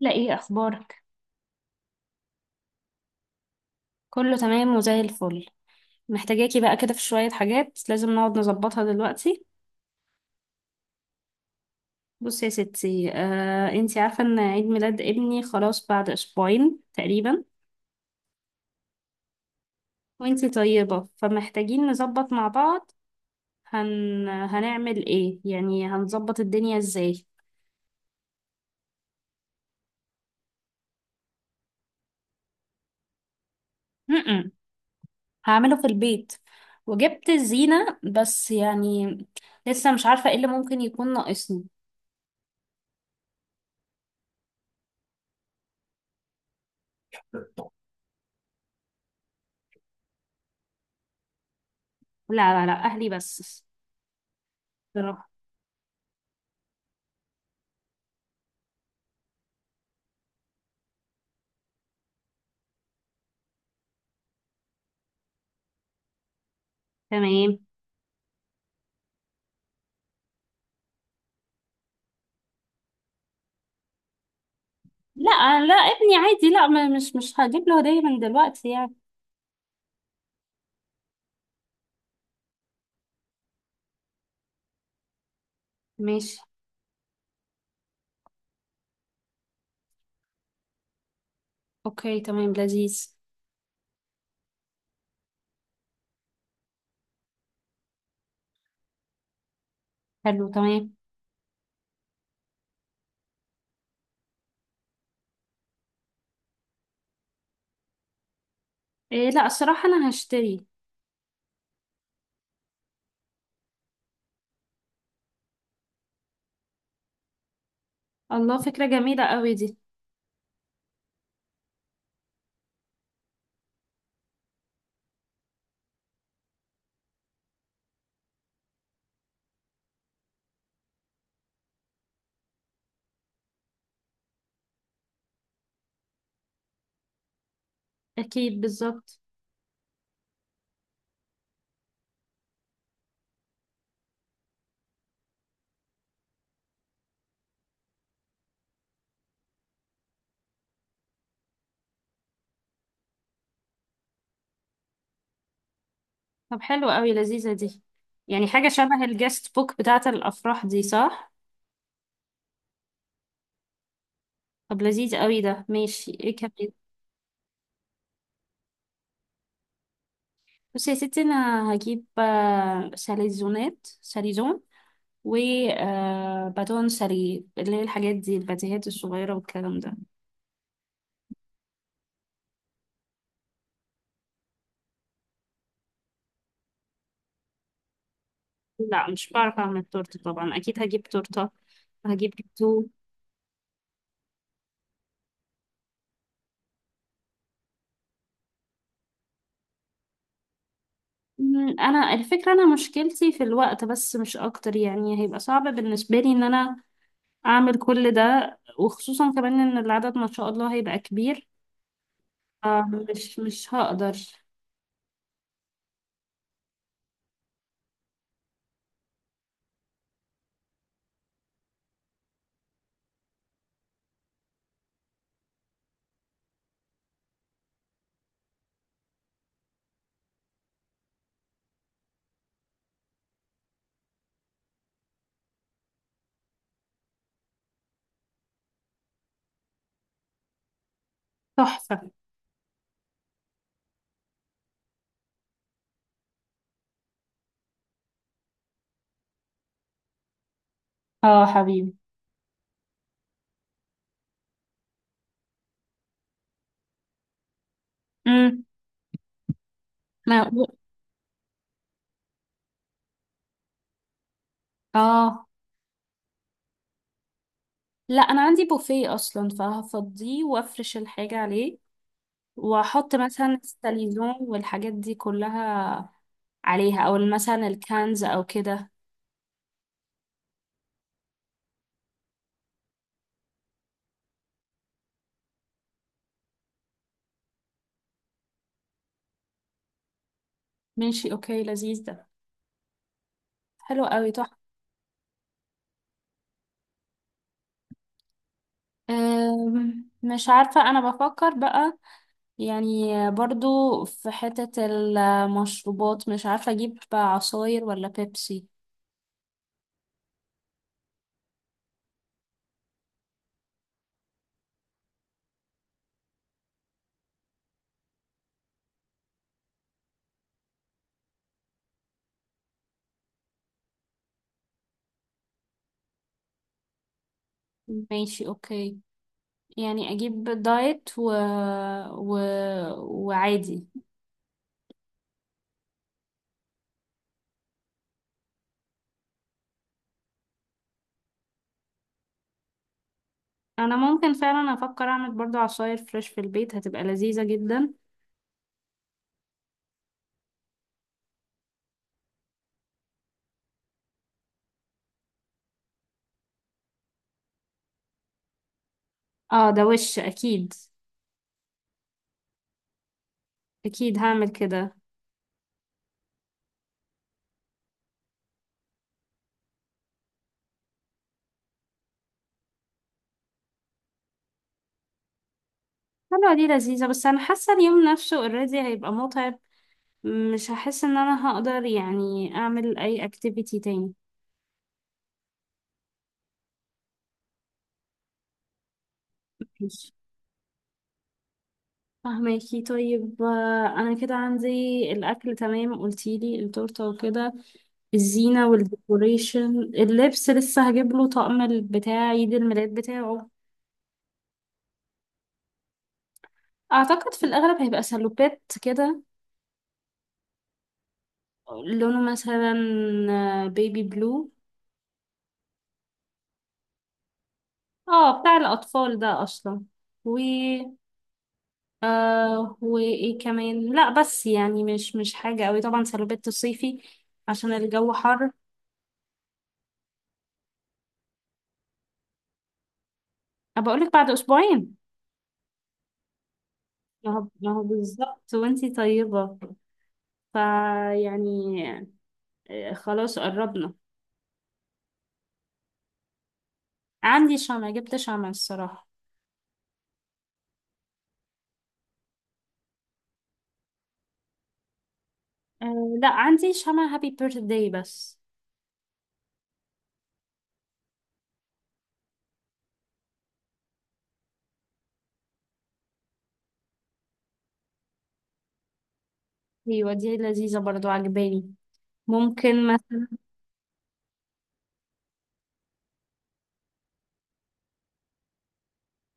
لا، ايه اخبارك؟ كله تمام وزي الفل. محتاجاكي بقى كده في شوية حاجات لازم نقعد نظبطها دلوقتي. بصي يا ستي، انتي عارفة ان عيد ميلاد ابني خلاص بعد اسبوعين تقريبا. وانتي طيبة، فمحتاجين نظبط مع بعض. هنعمل ايه يعني، هنظبط الدنيا ازاي؟ م-م. هعمله في البيت، وجبت الزينة، بس يعني لسه مش عارفة ايه اللي ممكن يكون ناقصني. لا، لا، لا، اهلي بس. بصراحة. تمام. لا، لا، ابني عادي، لا، مش هجيب له هدية من دلوقتي يعني. ماشي، اوكي، تمام، لذيذ. حلو، تمام. إيه، لا، الصراحة انا هشتري. الله، فكرة جميلة قوي دي. اكيد، بالظبط. طب حلو قوي، لذيذة دي. يعني حاجة شبه الجست بوك بتاعة الافراح دي، صح؟ طب لذيذ قوي ده، ماشي، ايه كمان؟ بصي يا ستي، انا هجيب ساليزون و باتون سالي اللي هي الحاجات دي، الباتيهات الصغيرة والكلام ده. لا، مش بعرف اعمل تورته طبعا، اكيد هجيب تورته، هجيب جاتوه. انا مشكلتي في الوقت بس، مش اكتر يعني، هيبقى صعب بالنسبه لي ان انا اعمل كل ده، وخصوصا كمان ان العدد ما شاء الله هيبقى كبير. آه، مش هقدر. تحفه. اه، حبيبي. امم ما اه، لا، انا عندي بوفيه اصلا فهفضيه وافرش الحاجه عليه، واحط مثلا الساليزون والحاجات دي كلها عليها، او مثلا الكنز او كده. ماشي، اوكي، لذيذ ده. حلو قوي، تحفة. مش عارفة، انا بفكر بقى. يعني برضو في حتة المشروبات مش عارفة اجيب عصاير ولا بيبسي؟ ماشي، اوكي. يعني اجيب دايت و... و... وعادي. انا ممكن فعلا افكر اعمل برضو عصاير فريش في البيت، هتبقى لذيذة جدا. اه، ده وش اكيد. اكيد هعمل كده. حلوة دي، لذيذة، بس أنا حاسة اليوم نفسه اوريدي هيبقى متعب. مش هحس إن أنا هقدر يعني أعمل أي أكتيفيتي تاني. ماشي. فهماكي، طيب، أنا كده عندي الأكل تمام، قلتيلي التورتة وكده، الزينة والديكوريشن. اللبس لسه هجيب له طقم بتاع عيد الميلاد بتاعه. أعتقد في الأغلب هيبقى سلوبات كده، لونه مثلا بيبي بلو. اه، بتاع الأطفال ده أصلا. وايه كمان، لا بس يعني مش حاجة قوي طبعا، سلوبيت الصيفي عشان الجو حر. أه، بقولك بعد اسبوعين. ما هو بالظبط، وانتي طيبة. فيعني خلاص قربنا. عندي شمع، جبت شمع الصراحة. لا، عندي شمع هابي بيرثداي بس. ايوه، دي لذيذة برضو، عجباني. ممكن مثلا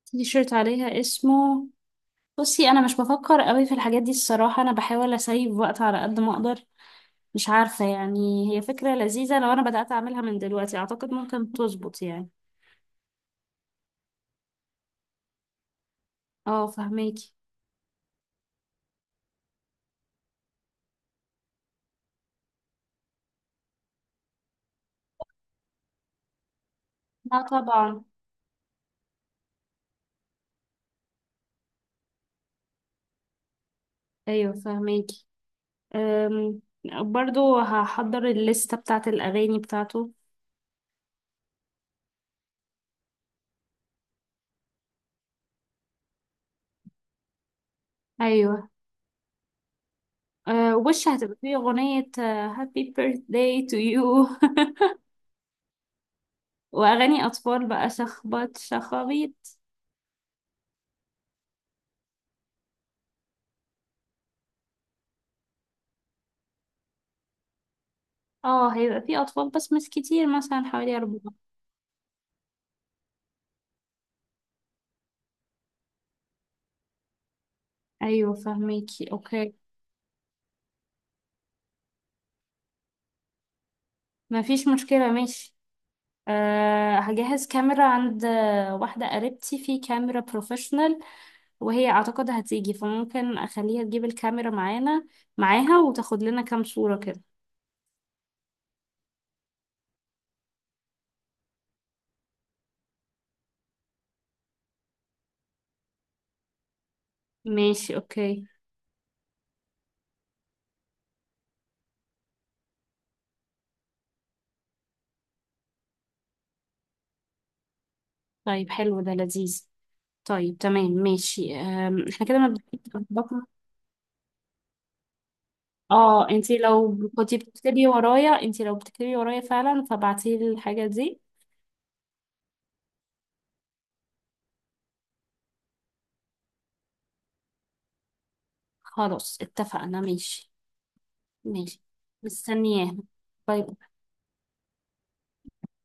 تي شيرت عليها اسمه. بصي، انا مش بفكر قوي في الحاجات دي الصراحة، انا بحاول اسيب وقت على قد ما اقدر. مش عارفة، يعني هي فكرة لذيذة، لو أنا بدأت أعملها من دلوقتي أعتقد ممكن تظبط يعني. اه، فهميكي. اه، طبعا. أيوه، فهميكي. أم، برضو هحضر الليستة بتاعة الأغاني بتاعته. أيوه. أه، وش هتبقى فيه أغنية هابي birthday to you وأغاني أطفال بقى، شخبط شخابيط. اه، هيبقى فيه أطفال بس مش كتير، مثلا حوالي أربعة. أيوه، فهميكي، أوكي. مفيش مشكلة، ماشي. أه، هجهز كاميرا. عند واحدة قريبتي في كاميرا بروفيشنال، وهي أعتقد هتيجي، فممكن أخليها تجيب الكاميرا معانا، معاها، وتاخد لنا كام صورة كده. ماشي، أوكي. طيب حلو ده، لذيذ. طيب تمام، ماشي، احنا كده مبدئيا ظبطنا. اه، انتي لو بتكتبي ورايا فعلا، فبعتيلي الحاجة دي. خلاص، اتفقنا، ماشي. ماشي. مستنياها. باي.